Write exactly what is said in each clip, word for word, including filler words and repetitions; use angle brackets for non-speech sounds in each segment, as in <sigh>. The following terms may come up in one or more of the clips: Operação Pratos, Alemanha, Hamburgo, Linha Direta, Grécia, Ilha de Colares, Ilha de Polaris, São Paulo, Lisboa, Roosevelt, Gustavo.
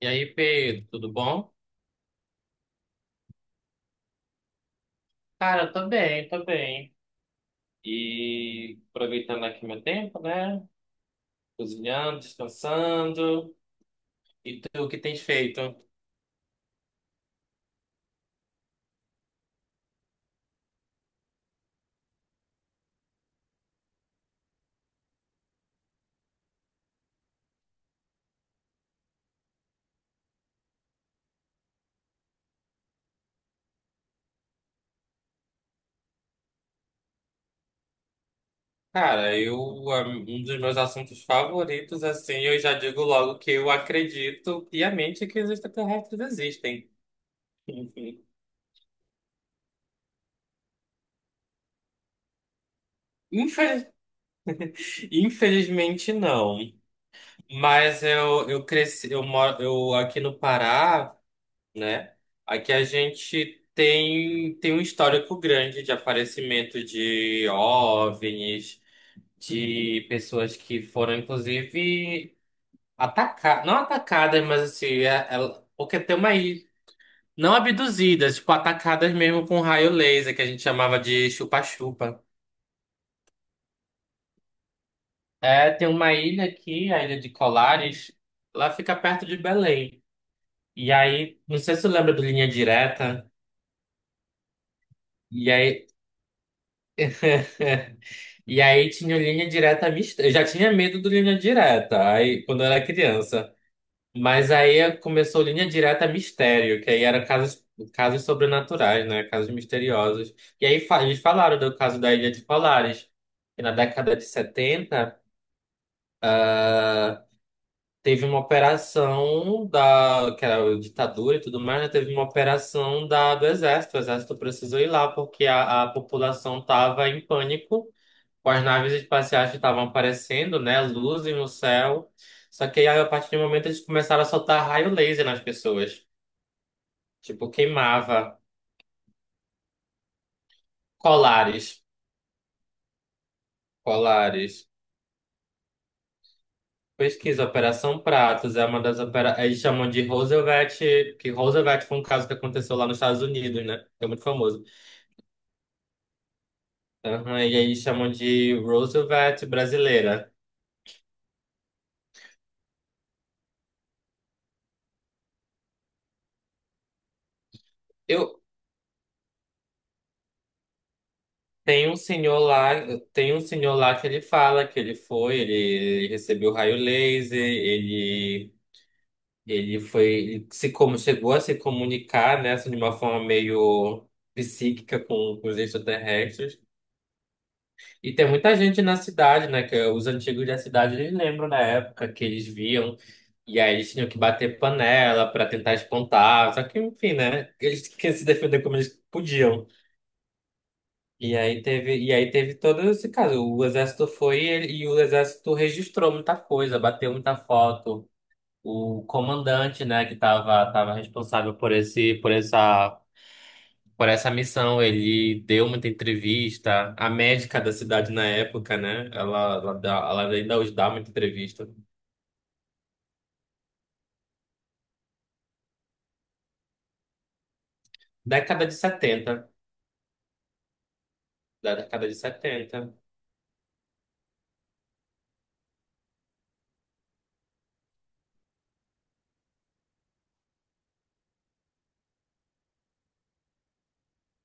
E aí, Pedro, tudo bom? Cara, tô bem, tô bem. E aproveitando aqui meu tempo, né? Cozinhando, descansando. E tu, o que tens feito? Cara, eu, a- um dos meus assuntos favoritos, assim, eu já digo logo que eu acredito piamente que os extraterrestres existem. <laughs> Infeliz- Infelizmente não. Mas eu, eu cresci, eu moro, eu aqui no Pará, né? Aqui a gente tem, tem um histórico grande de aparecimento de OVNIs, de pessoas que foram, inclusive, atacadas, não atacadas, mas assim, é- ela- porque tem uma ilha não abduzidas, tipo, atacadas mesmo com raio laser, que a gente chamava de chupa-chupa. É, tem uma ilha aqui, a Ilha de Colares, lá fica perto de Belém. E aí, não sei se você lembra do Linha Direta, e aí. <laughs> E aí tinha o Linha Direta Mista. Eu já tinha medo do Linha Direta, aí quando eu era criança. Mas aí começou Linha Direta Mistério, que aí era casos, casos, sobrenaturais, né? Casos misteriosos. E aí fa- eles falaram do caso da Ilha de Polaris, que na década de setenta teve uma operação da, que era a ditadura e tudo mais, né? Teve uma operação da, do exército. O exército precisou ir lá porque a, a população estava em pânico com as naves espaciais que estavam aparecendo, né? Luzes no céu. Só que aí, a partir do momento, eles começaram a soltar raio laser nas pessoas. Tipo, queimava Colares. Colares. Pesquisa, Operação Pratos é uma das opera... Eles chamam de Roosevelt, que Roosevelt foi um caso que aconteceu lá nos Estados Unidos, né? É muito famoso. Aham, e aí eles chamam de Roosevelt brasileira. Eu, Tem um senhor lá, tem um senhor lá que ele fala que ele foi, ele, ele recebeu raio laser, ele ele foi, ele se como chegou a se comunicar, né, assim, de uma forma meio psíquica com, com os extraterrestres. E tem muita gente na cidade, né, que os antigos da cidade eles lembram da época que eles viam e aí eles tinham que bater panela para tentar espantar, só que enfim, né, eles tinham que se defender como eles podiam. E aí teve, e aí teve todo esse caso. O exército foi e, ele- e o exército registrou muita coisa, bateu muita foto. O comandante, né, que estava tava tava responsável por esse, por essa, por essa missão, ele deu muita entrevista. A médica da cidade na época, né, ela, ela, dá- ela ainda hoje dá muita entrevista. Década de setenta. Da década de setenta.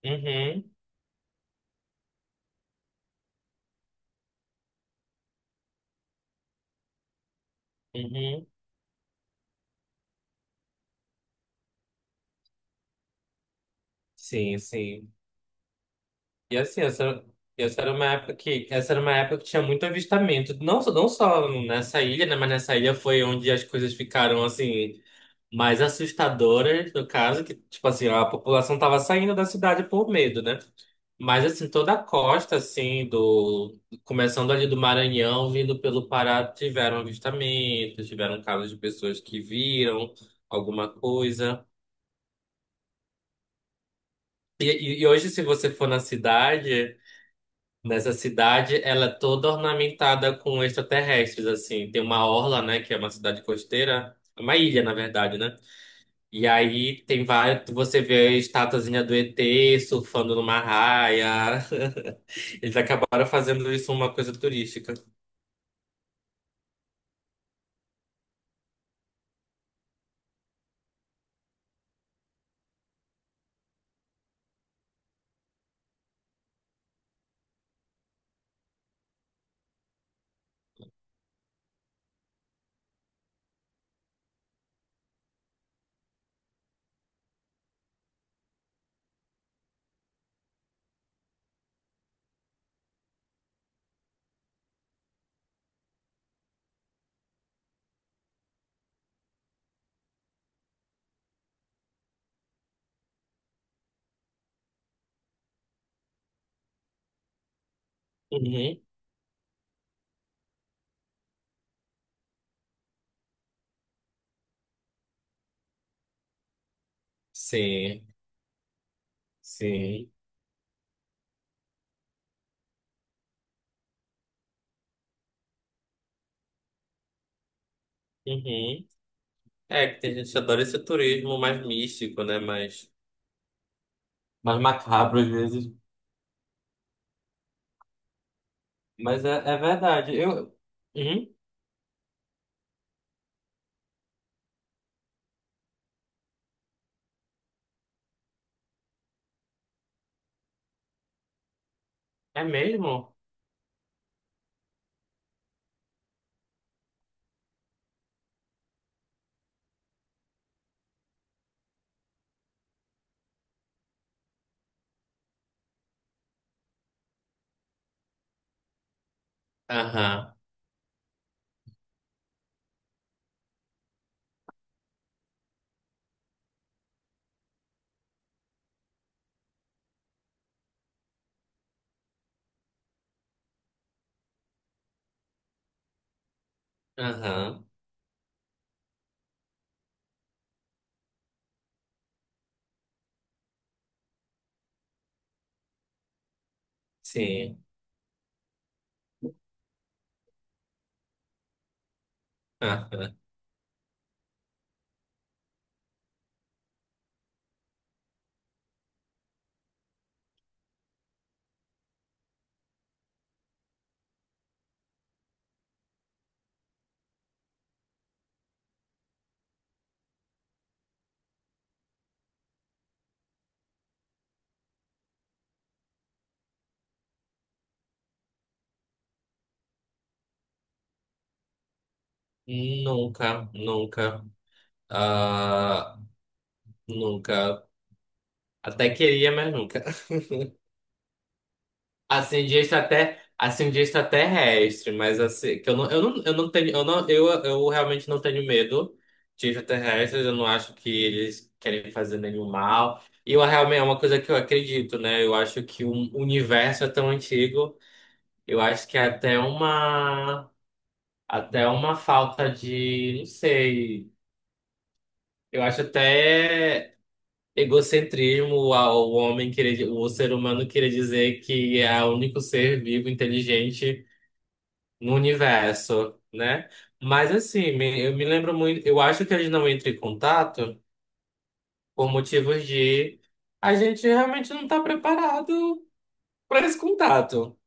Uhum, uhum. Sim, sim. E assim, essa, essa era uma época que, essa era uma época que tinha muito avistamento. Não, só- não só nessa ilha, né? Mas nessa ilha foi onde as coisas ficaram, assim, mais assustadoras, no caso, que, tipo assim, a população tava saindo da cidade por medo, né? Mas, assim, toda a costa, assim, do... começando ali do Maranhão, vindo pelo Pará, tiveram avistamentos, tiveram casos de pessoas que viram alguma coisa. E, e e hoje, se você for na cidade. Nessa cidade, ela é toda ornamentada com extraterrestres, assim. Tem uma orla, né, que é uma cidade costeira, é uma ilha, na verdade, né? E aí tem vários, você vê a estatuazinha do E T surfando numa raia. <laughs> Eles acabaram fazendo isso uma coisa turística. Uhum. Sim, sim. Uhum. É, que tem gente que adora esse turismo mais místico, né, mais, mais macabro às vezes. Mas é, é verdade. Eu... Uhum. É mesmo? Aham, aham. Sim. Aham. Nunca, nunca. Ah, nunca. Até queria, mas nunca. <laughs> Assim, de extrater... assim, de extraterrestre, mas assim, que eu não, eu não, eu não tenho, eu não, eu, eu realmente não tenho medo de extraterrestres, eu não acho que eles querem fazer nenhum mal. E eu realmente é uma coisa que eu acredito, né? Eu acho que o universo é tão antigo, eu acho que é até uma, até uma falta de, não sei. Eu acho até egocentrismo ao homem querer, o ser humano querer dizer que é o único ser vivo inteligente no universo, né? Mas assim, me- eu me lembro muito, eu acho que a gente não entra em contato por motivos de a gente realmente não está preparado para esse contato.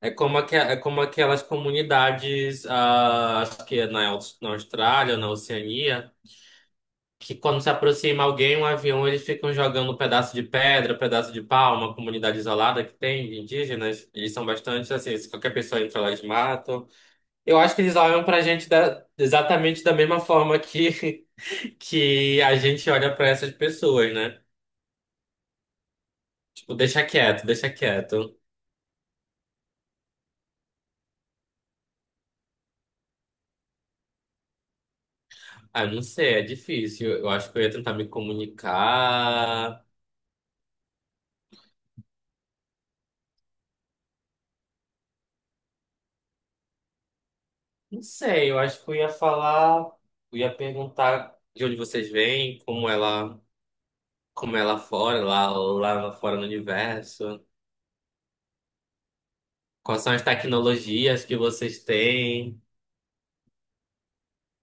É como, aque- é como aquelas comunidades, ah, acho que é na, Aus- na Austrália, na Oceania. Que quando se aproxima alguém, um avião, eles ficam jogando um pedaço de pedra, um pedaço de pau, uma comunidade isolada que tem de indígenas, eles são bastante assim, se qualquer pessoa entra lá, eles matam. Eu acho que eles olham pra gente da- exatamente da mesma forma que, <laughs> que a gente olha pra essas pessoas, né? Tipo, deixa quieto, deixa quieto. Ah, não sei, é difícil. Eu acho que eu ia tentar me comunicar. Não sei, eu acho que eu ia falar, eu ia perguntar de onde vocês vêm, como ela como é lá fora, lá, lá fora no universo. Quais são as tecnologias que vocês têm?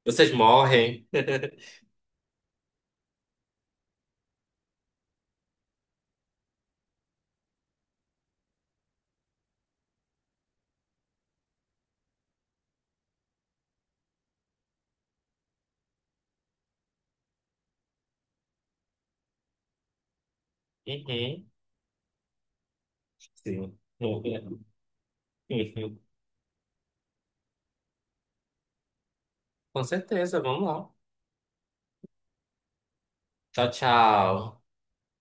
Vocês morrem? Uhum. Sim. <laughs> Com certeza, vamos lá. Tchau, tchau.